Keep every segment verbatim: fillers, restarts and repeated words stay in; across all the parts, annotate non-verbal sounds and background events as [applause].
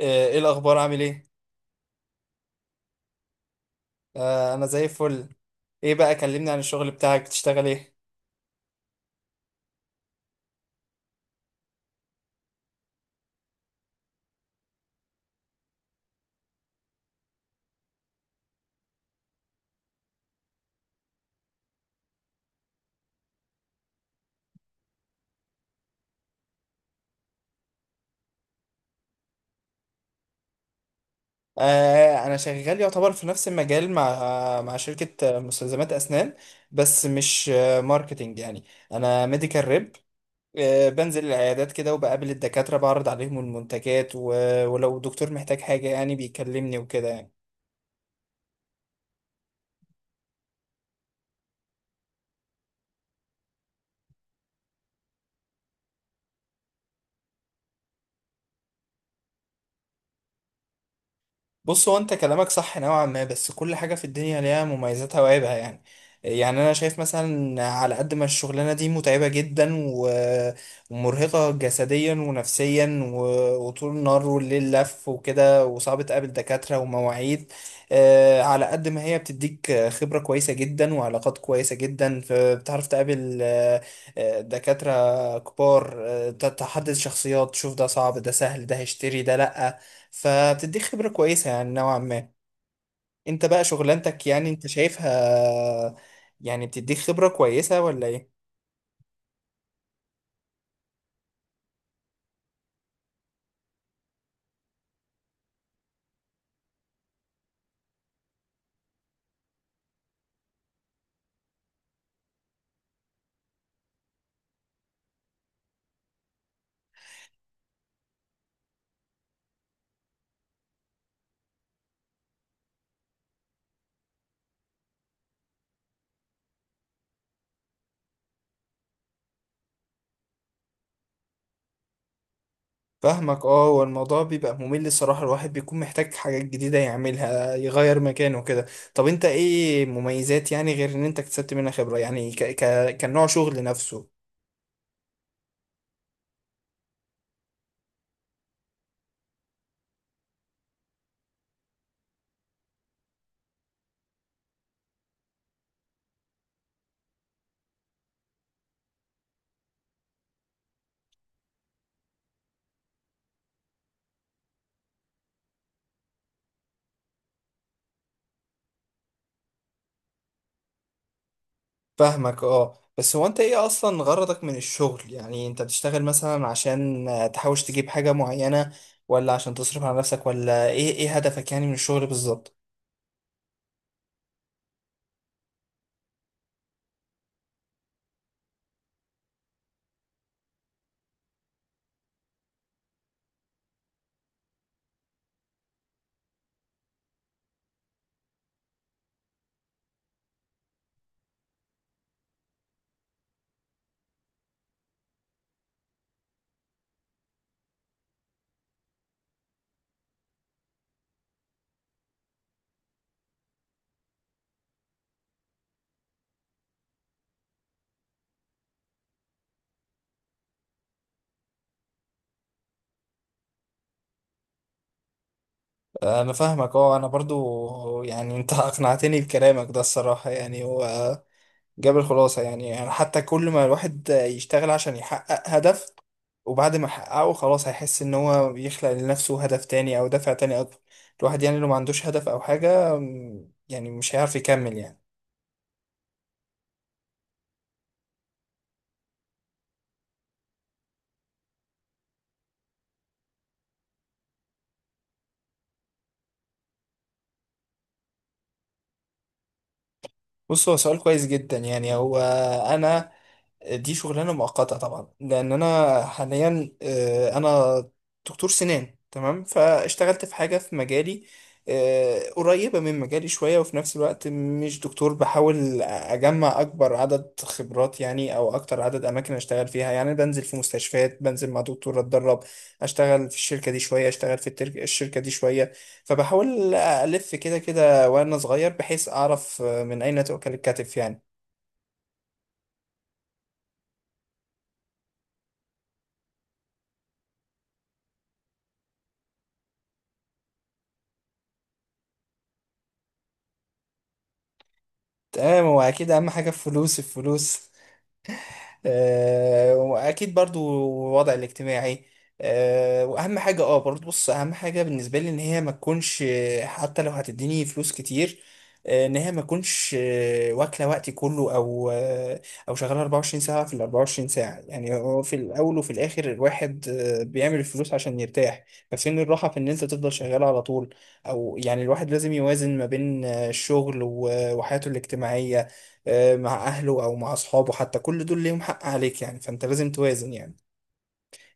آه، ايه الاخبار عامل ايه؟ آه، انا زي الفل. ايه بقى، كلمني عن الشغل بتاعك، بتشتغل ايه؟ آه، انا شغال يعتبر في نفس المجال مع مع شركة آه، مستلزمات اسنان، بس مش آه، ماركتينج يعني. انا ميديكال ريب، آه، بنزل العيادات كده وبقابل الدكاترة، بعرض عليهم المنتجات و- ولو دكتور محتاج حاجة يعني بيكلمني وكده يعني. بص، هو انت كلامك صح نوعا ما، بس كل حاجة في الدنيا ليها مميزاتها وعيبها يعني. يعني انا شايف مثلا على قد ما الشغلانة دي متعبة جدا و- ومرهقة جسديا ونفسيا و- وطول النهار والليل لف وكده، وصعب تقابل دكاترة ومواعيد. آه، على قد ما هي بتديك خبرة كويسة جدا وعلاقات كويسة جدا، فبتعرف تقابل آه، آه، دكاترة كبار، آه، تحدد شخصيات، تشوف ده صعب ده سهل ده هيشتري ده لأ. فبتديك خبرة كويسة يعني نوعا ما. انت بقى شغلانتك يعني انت شايفها، يعني بتديك خبرة كويسة ولا ايه؟ فاهمك، اه هو الموضوع بيبقى ممل الصراحة، الواحد بيكون محتاج حاجات جديدة يعملها، يغير مكانه كده. طب انت ايه مميزات، يعني غير ان انت اكتسبت منها خبرة، يعني ك ك كنوع شغل نفسه؟ فاهمك اه. بس هو انت ايه اصلا غرضك من الشغل؟ يعني انت بتشتغل مثلا عشان تحوش تجيب حاجة معينة، ولا عشان تصرف على نفسك، ولا ايه ايه هدفك يعني من الشغل بالظبط؟ انا فاهمك اه. انا برضو يعني انت [laughs] اقنعتني بكلامك ده الصراحة، يعني هو جاب الخلاصة يعني. يعني حتى كل ما الواحد يشتغل عشان يحقق هدف، وبعد ما يحققه خلاص هيحس ان هو بيخلق لنفسه هدف تاني او دافع تاني اكبر. الواحد يعني لو ما عندوش هدف او حاجة م، يعني مش هيعرف يكمل يعني. بص هو سؤال كويس جدا. يعني هو انا، دي شغلانه مؤقته طبعا، لان انا حاليا آه، انا دكتور سنان تمام، فاشتغلت في حاجه في مجالي، آه، قريبه من مجالي شويه، وفي نفس الوقت مش دكتور. بحاول اجمع اكبر عدد خبرات يعني، او اكتر عدد اماكن اشتغل فيها يعني. بنزل في مستشفيات، بنزل مع دكتور اتدرب، اشتغل في الشركه دي شويه، اشتغل في التر- الشركه دي شويه. فبحاول الف كده كده وانا صغير، بحيث اعرف آه، من اين تؤكل الكتف يعني. تمام، هو اكيد اهم حاجه الفلوس الفلوس، آه، واكيد برضو الوضع الاجتماعي. آه، واهم حاجه اه برضو، بص، اهم حاجه بالنسبه لي ان هي ما تكونش آه، حتى لو هتديني فلوس كتير، آه، ان هي ما تكونش آه، واكله وقتي كله، او آه، او شغاله اربعة وعشرين ساعه في ال اربعة وعشرين ساعه. يعني هو في الاول وفي الاخر الواحد آه، بيعمل الفلوس عشان يرتاح، ففين الراحه في ان انت تفضل شغال على طول؟ او يعني الواحد لازم يوازن ما بين آه، الشغل و- وحياته الاجتماعيه، آه، مع اهله او مع اصحابه، حتى كل دول ليهم حق عليك يعني، فانت لازم توازن يعني.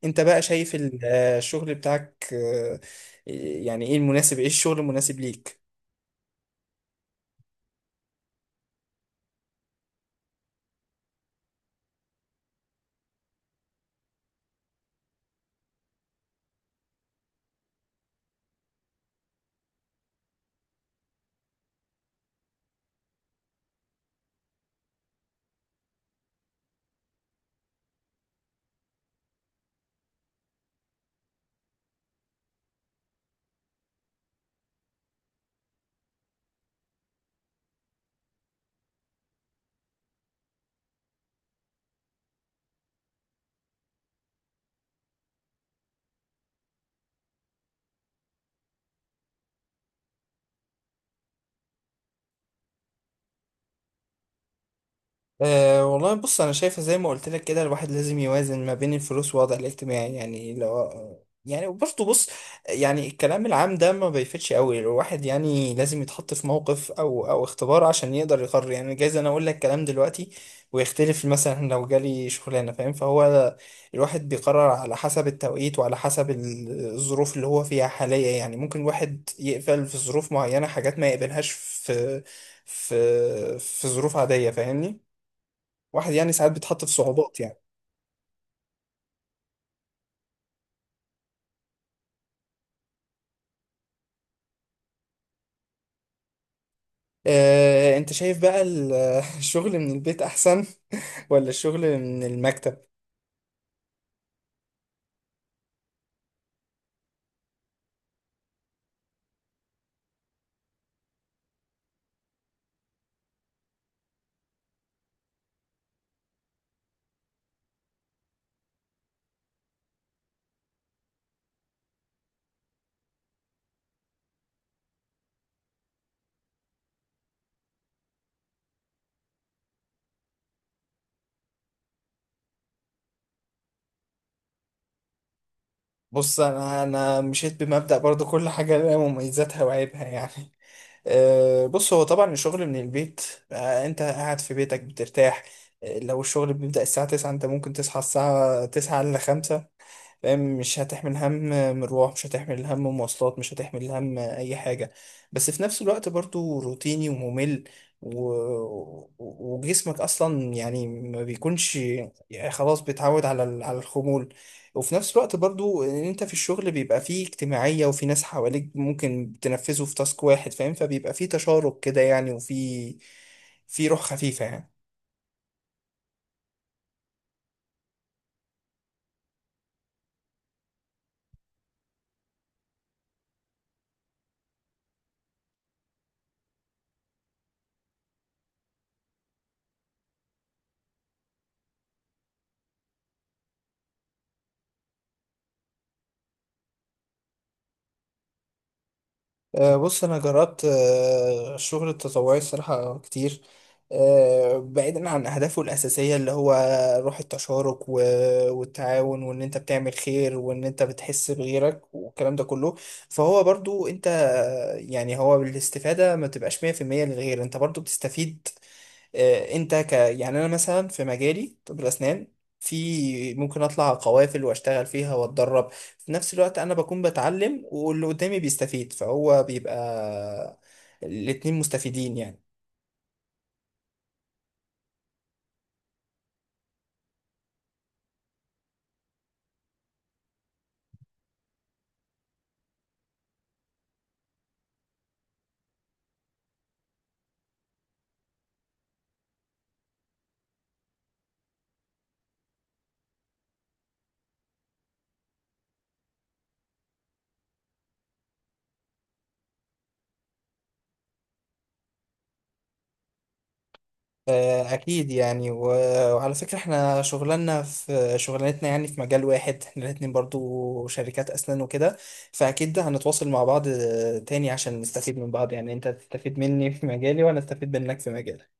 انت بقى شايف ال- آه، الشغل بتاعك آه، يعني ايه المناسب، ايه الشغل المناسب ليك؟ أه والله بص، انا شايفه زي ما قلت لك كده، الواحد لازم يوازن ما بين الفلوس والوضع الاجتماعي، يعني لو يعني برضه بص، يعني الكلام العام ده ما بيفيدش قوي، الواحد يعني لازم يتحط في موقف او او اختبار عشان يقدر يقرر يعني. جايز انا اقول لك كلام دلوقتي ويختلف مثلا لو جالي شغلانه، فاهم؟ فهو الواحد بيقرر على حسب التوقيت وعلى حسب ال- الظروف اللي هو فيها حاليا، يعني ممكن الواحد يقبل في ظروف معينه حاجات ما يقبلهاش في في في ظروف عاديه، فاهمني؟ واحد يعني ساعات بيتحط في صعوبات يعني. آه، انت شايف بقى ال- [laughs] الشغل من البيت احسن [laughs] ولا الشغل من المكتب؟ بص انا انا مشيت بمبدأ برضو، كل حاجة لها مميزاتها وعيبها يعني. آه، بص، هو طبعا الشغل من البيت، آه، انت قاعد في بيتك بترتاح، آه، لو الشغل بيبدأ الساعة تسعة انت ممكن تصحى الساعة تسعة الا خمسة، فاهم؟ مش هتحمل هم مروح، مش هتحمل هم مواصلات، مش هتحمل هم اي حاجة. بس في نفس الوقت برضو روتيني وممل و... و- وجسمك اصلا يعني ما بيكونش، يعني خلاص بيتعود على ال- على الخمول. وفي نفس الوقت برضو ان انت في الشغل بيبقى فيه اجتماعية، وفي ناس حواليك ممكن تنفذوا في تاسك واحد، فاهم؟ فبيبقى فيه تشارك كده يعني، وفي في روح خفيفة يعني. آه، بص انا جربت آه، الشغل التطوعي الصراحه كتير. آه، بعيدا عن اهدافه الاساسيه اللي هو روح التشارك و- والتعاون، وان انت بتعمل خير، وان انت بتحس بغيرك، والكلام ده كله، فهو برضو انت آه، يعني هو بالاستفاده ما تبقاش مئة بالمئة للغير، انت برضو بتستفيد. آه، انت ك يعني انا مثلا في مجالي طب الاسنان، في ممكن اطلع قوافل واشتغل فيها واتدرب، في نفس الوقت انا بكون بتعلم واللي قدامي بيستفيد، فهو بيبقى الاتنين مستفيدين يعني. آه، اكيد يعني، و- وعلى فكرة احنا شغلنا في شغلانتنا يعني في مجال واحد، احنا الاتنين برضو شركات اسنان وكده، فاكيد ده هنتواصل مع بعض آه، تاني عشان نستفيد من بعض، يعني انت تستفيد مني في مجالي وانا استفيد منك في مجالك.